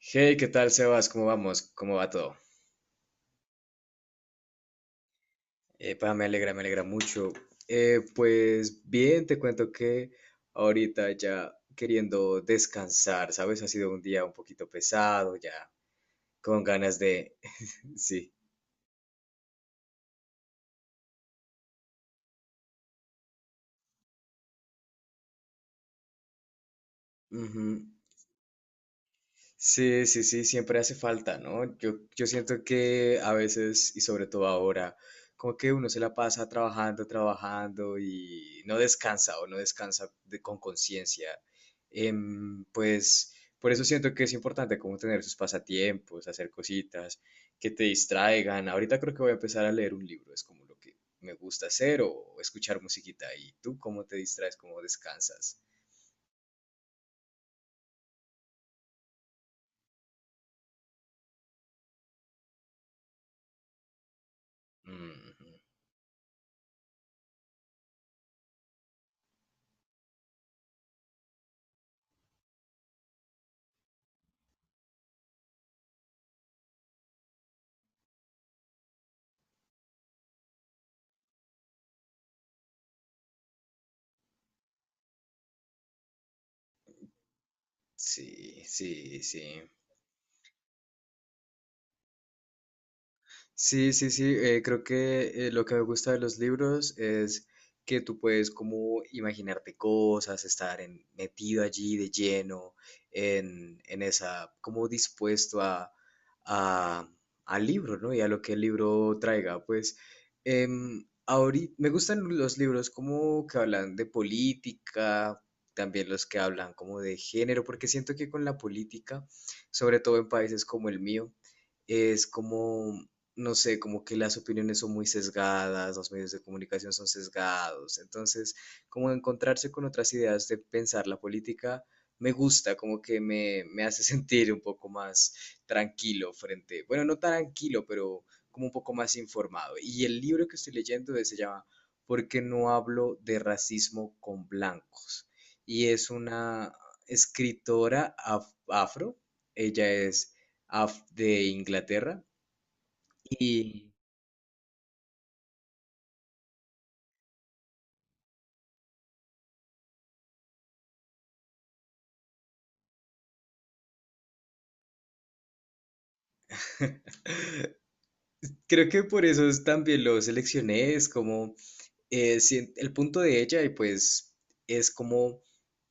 Hey, ¿qué tal, Sebas? ¿Cómo vamos? ¿Cómo va todo? Pa, me alegra mucho. Pues bien, te cuento que ahorita ya queriendo descansar, ¿sabes? Ha sido un día un poquito pesado, ya con ganas de... Sí. Sí, sí, sí, siempre hace falta, ¿no? Yo siento que a veces, y sobre todo ahora, como que uno se la pasa trabajando, trabajando y no descansa o no descansa con conciencia. Pues por eso siento que es importante como tener sus pasatiempos, hacer cositas que te distraigan. Ahorita creo que voy a empezar a leer un libro, es como lo que me gusta hacer o escuchar musiquita. ¿Y tú cómo te distraes, cómo descansas? Ujú. Sí, sí, sí. Sí, sí, sí, creo que lo que me gusta de los libros es que tú puedes como imaginarte cosas, metido allí de lleno, en esa, como dispuesto a- al libro, ¿no? Y a lo que el libro traiga. Pues ahorita me gustan los libros como que hablan de política, también los que hablan como de género, porque siento que con la política, sobre todo en países como el mío, es como no sé, como que las opiniones son muy sesgadas, los medios de comunicación son sesgados. Entonces, como encontrarse con otras ideas de pensar la política, me gusta, como que me hace sentir un poco más tranquilo frente, bueno, no tan tranquilo, pero como un poco más informado. Y el libro que estoy leyendo se llama ¿Por qué no hablo de racismo con blancos? Y es una escritora afro, ella es af- de Inglaterra. Y creo que por eso es también lo seleccioné, es como si- el punto de ella y pues es como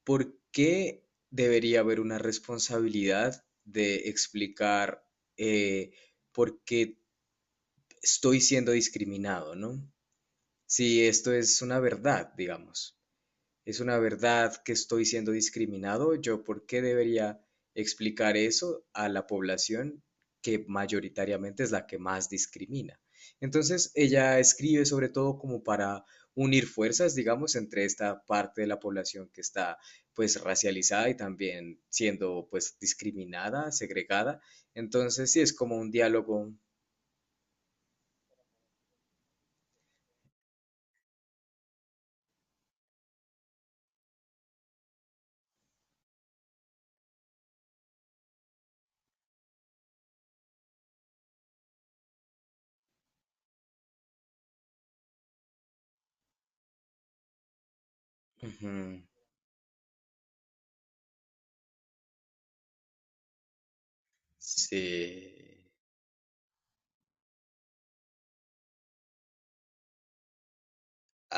por qué debería haber una responsabilidad de explicar eh, por qué estoy siendo discriminado, ¿no? Si esto es una verdad, digamos. ¿Es una verdad que estoy siendo discriminado? ¿Yo por qué debería explicar eso a la población que mayoritariamente es la que más discrimina? Entonces, ella escribe sobre todo como para unir fuerzas, digamos, entre esta parte de la población que está pues racializada y también siendo pues discriminada, segregada. Entonces, sí, es como un diálogo. Ujú. Sí,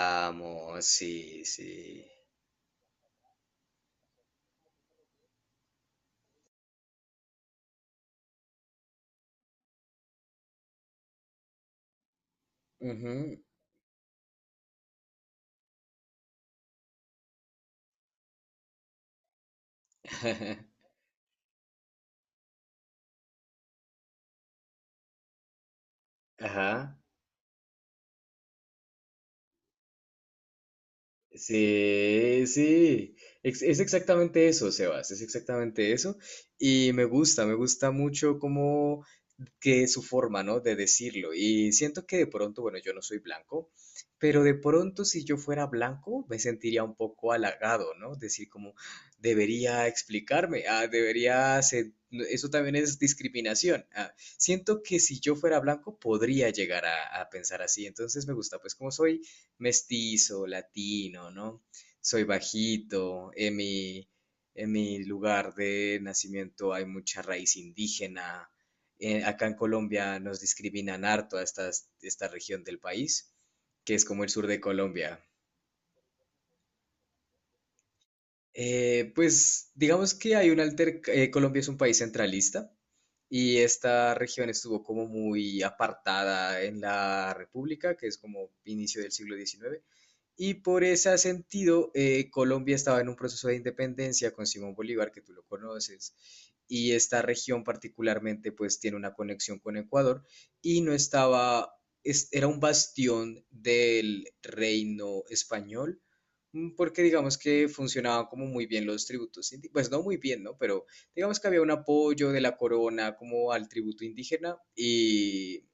amo, sí, sí. Ujú. Ajá. Sí, sí. Exactamente eso, Sebas. Es exactamente eso. Y me gusta mucho como que su forma, ¿no? De decirlo. Y siento que de pronto, bueno, yo no soy blanco, pero de pronto si yo fuera blanco, me sentiría un poco halagado, ¿no? Decir como, debería explicarme, ah, debería ser- eso también es discriminación. Ah, siento que si yo fuera blanco podría llegar a pensar así. Entonces me gusta, pues como soy mestizo, latino, ¿no? Soy bajito, en mi lugar de nacimiento hay mucha raíz indígena. Acá en Colombia nos discriminan harto a estas- esta región del país, que es como el sur de Colombia. Pues digamos que hay un alter... Colombia es un país centralista y esta región estuvo como muy apartada en la República, que es como inicio del siglo XIX. Y por ese sentido, Colombia estaba en un proceso de independencia con Simón Bolívar, que tú lo conoces, y esta región particularmente pues tiene una conexión con Ecuador y no estaba, es- era un bastión del reino español, mm, porque digamos que funcionaban como muy bien los tributos, indi- pues no muy bien, ¿no? Pero digamos que había un apoyo de la corona como al tributo indígena y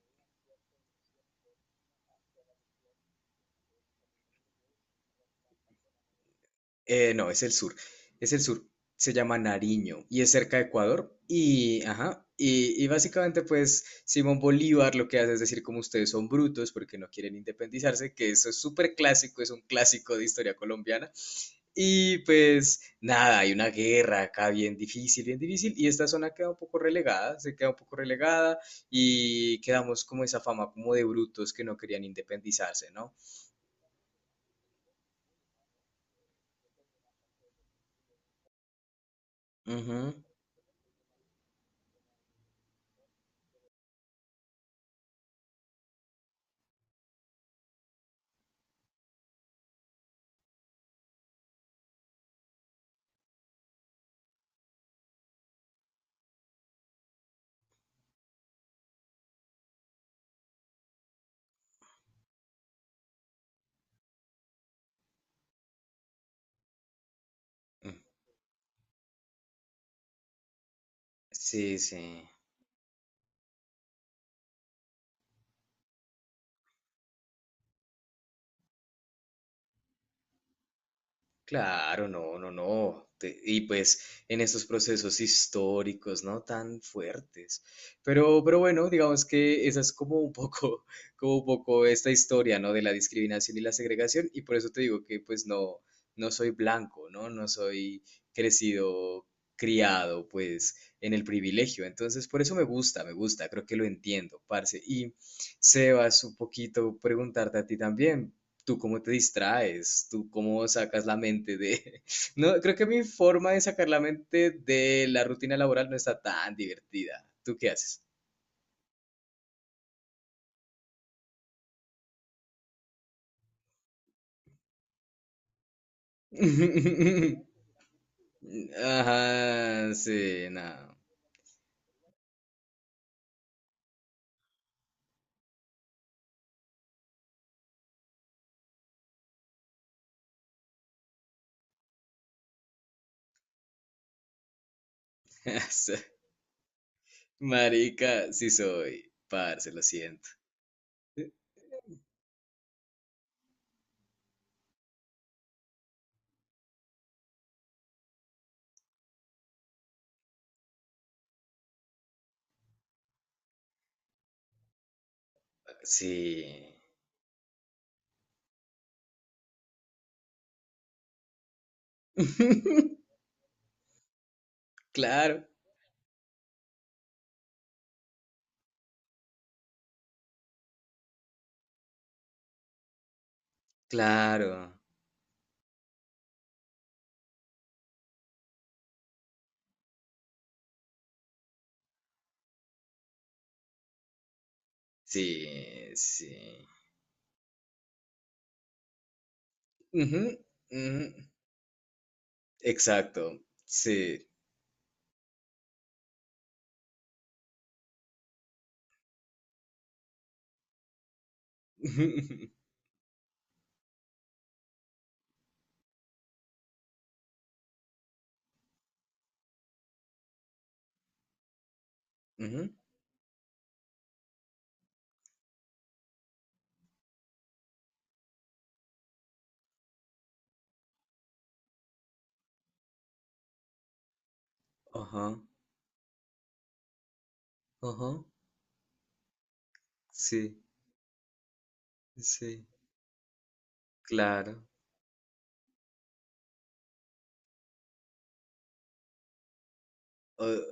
No, es el sur. Es el sur. Se llama Nariño y es cerca de Ecuador. Y, ajá, y básicamente, pues, Simón Bolívar lo que hace es decir como ustedes son brutos porque no quieren independizarse, que eso es súper clásico, es un clásico de historia colombiana. Y pues, nada, hay una guerra acá bien difícil, bien difícil. Y esta zona queda un poco relegada, se queda un poco relegada y quedamos como esa fama como de brutos que no querían independizarse, ¿no? Ujú. Mm. Sí, sí. Claro, no, no, no. Te- y pues en estos procesos históricos, ¿no? Tan fuertes. Pero bueno, digamos que esa es como un poco, como un poco esta historia, ¿no? De la discriminación y la segregación. Y por eso te digo que pues no, no soy blanco, ¿no? No soy crecido, criado, pues en el privilegio. Entonces, por eso me gusta, me gusta. Creo que lo entiendo, parce. Y Sebas, un poquito preguntarte a ti también tú cómo te distraes, tú cómo sacas la mente de... No, creo que mi forma de sacar la mente de la rutina laboral no está tan divertida. ¿Tú qué haces? Ajá, sí, no. Sí. Marica, sí soy. Parce, lo siento. Sí. Claro, claro. Sí, sí. Ujú, ujú. Exacto, sí. Ujú, ujú. Ajá. Ajá, sí, sí, claro. O-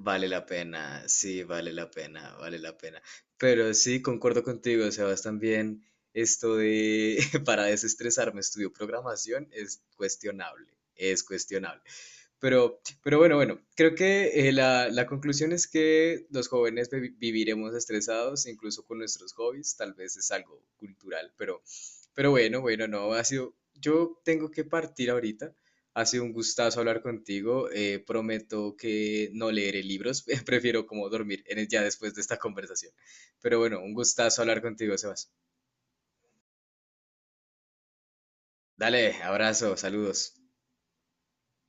vale la pena, sí, vale la pena, vale la pena. Pero sí, concuerdo contigo, Sebas, también esto de para desestresarme estudio programación es cuestionable, es cuestionable. Pero bueno, creo que la conclusión es que los jóvenes viviremos estresados, incluso con nuestros hobbies, tal vez es algo cultural, pero, bueno, no, ha sido, yo tengo que partir ahorita, ha sido un gustazo hablar contigo, prometo que no leeré libros, prefiero como dormir ya después de esta conversación, pero bueno, un gustazo hablar contigo, Sebas. Dale, abrazo, saludos.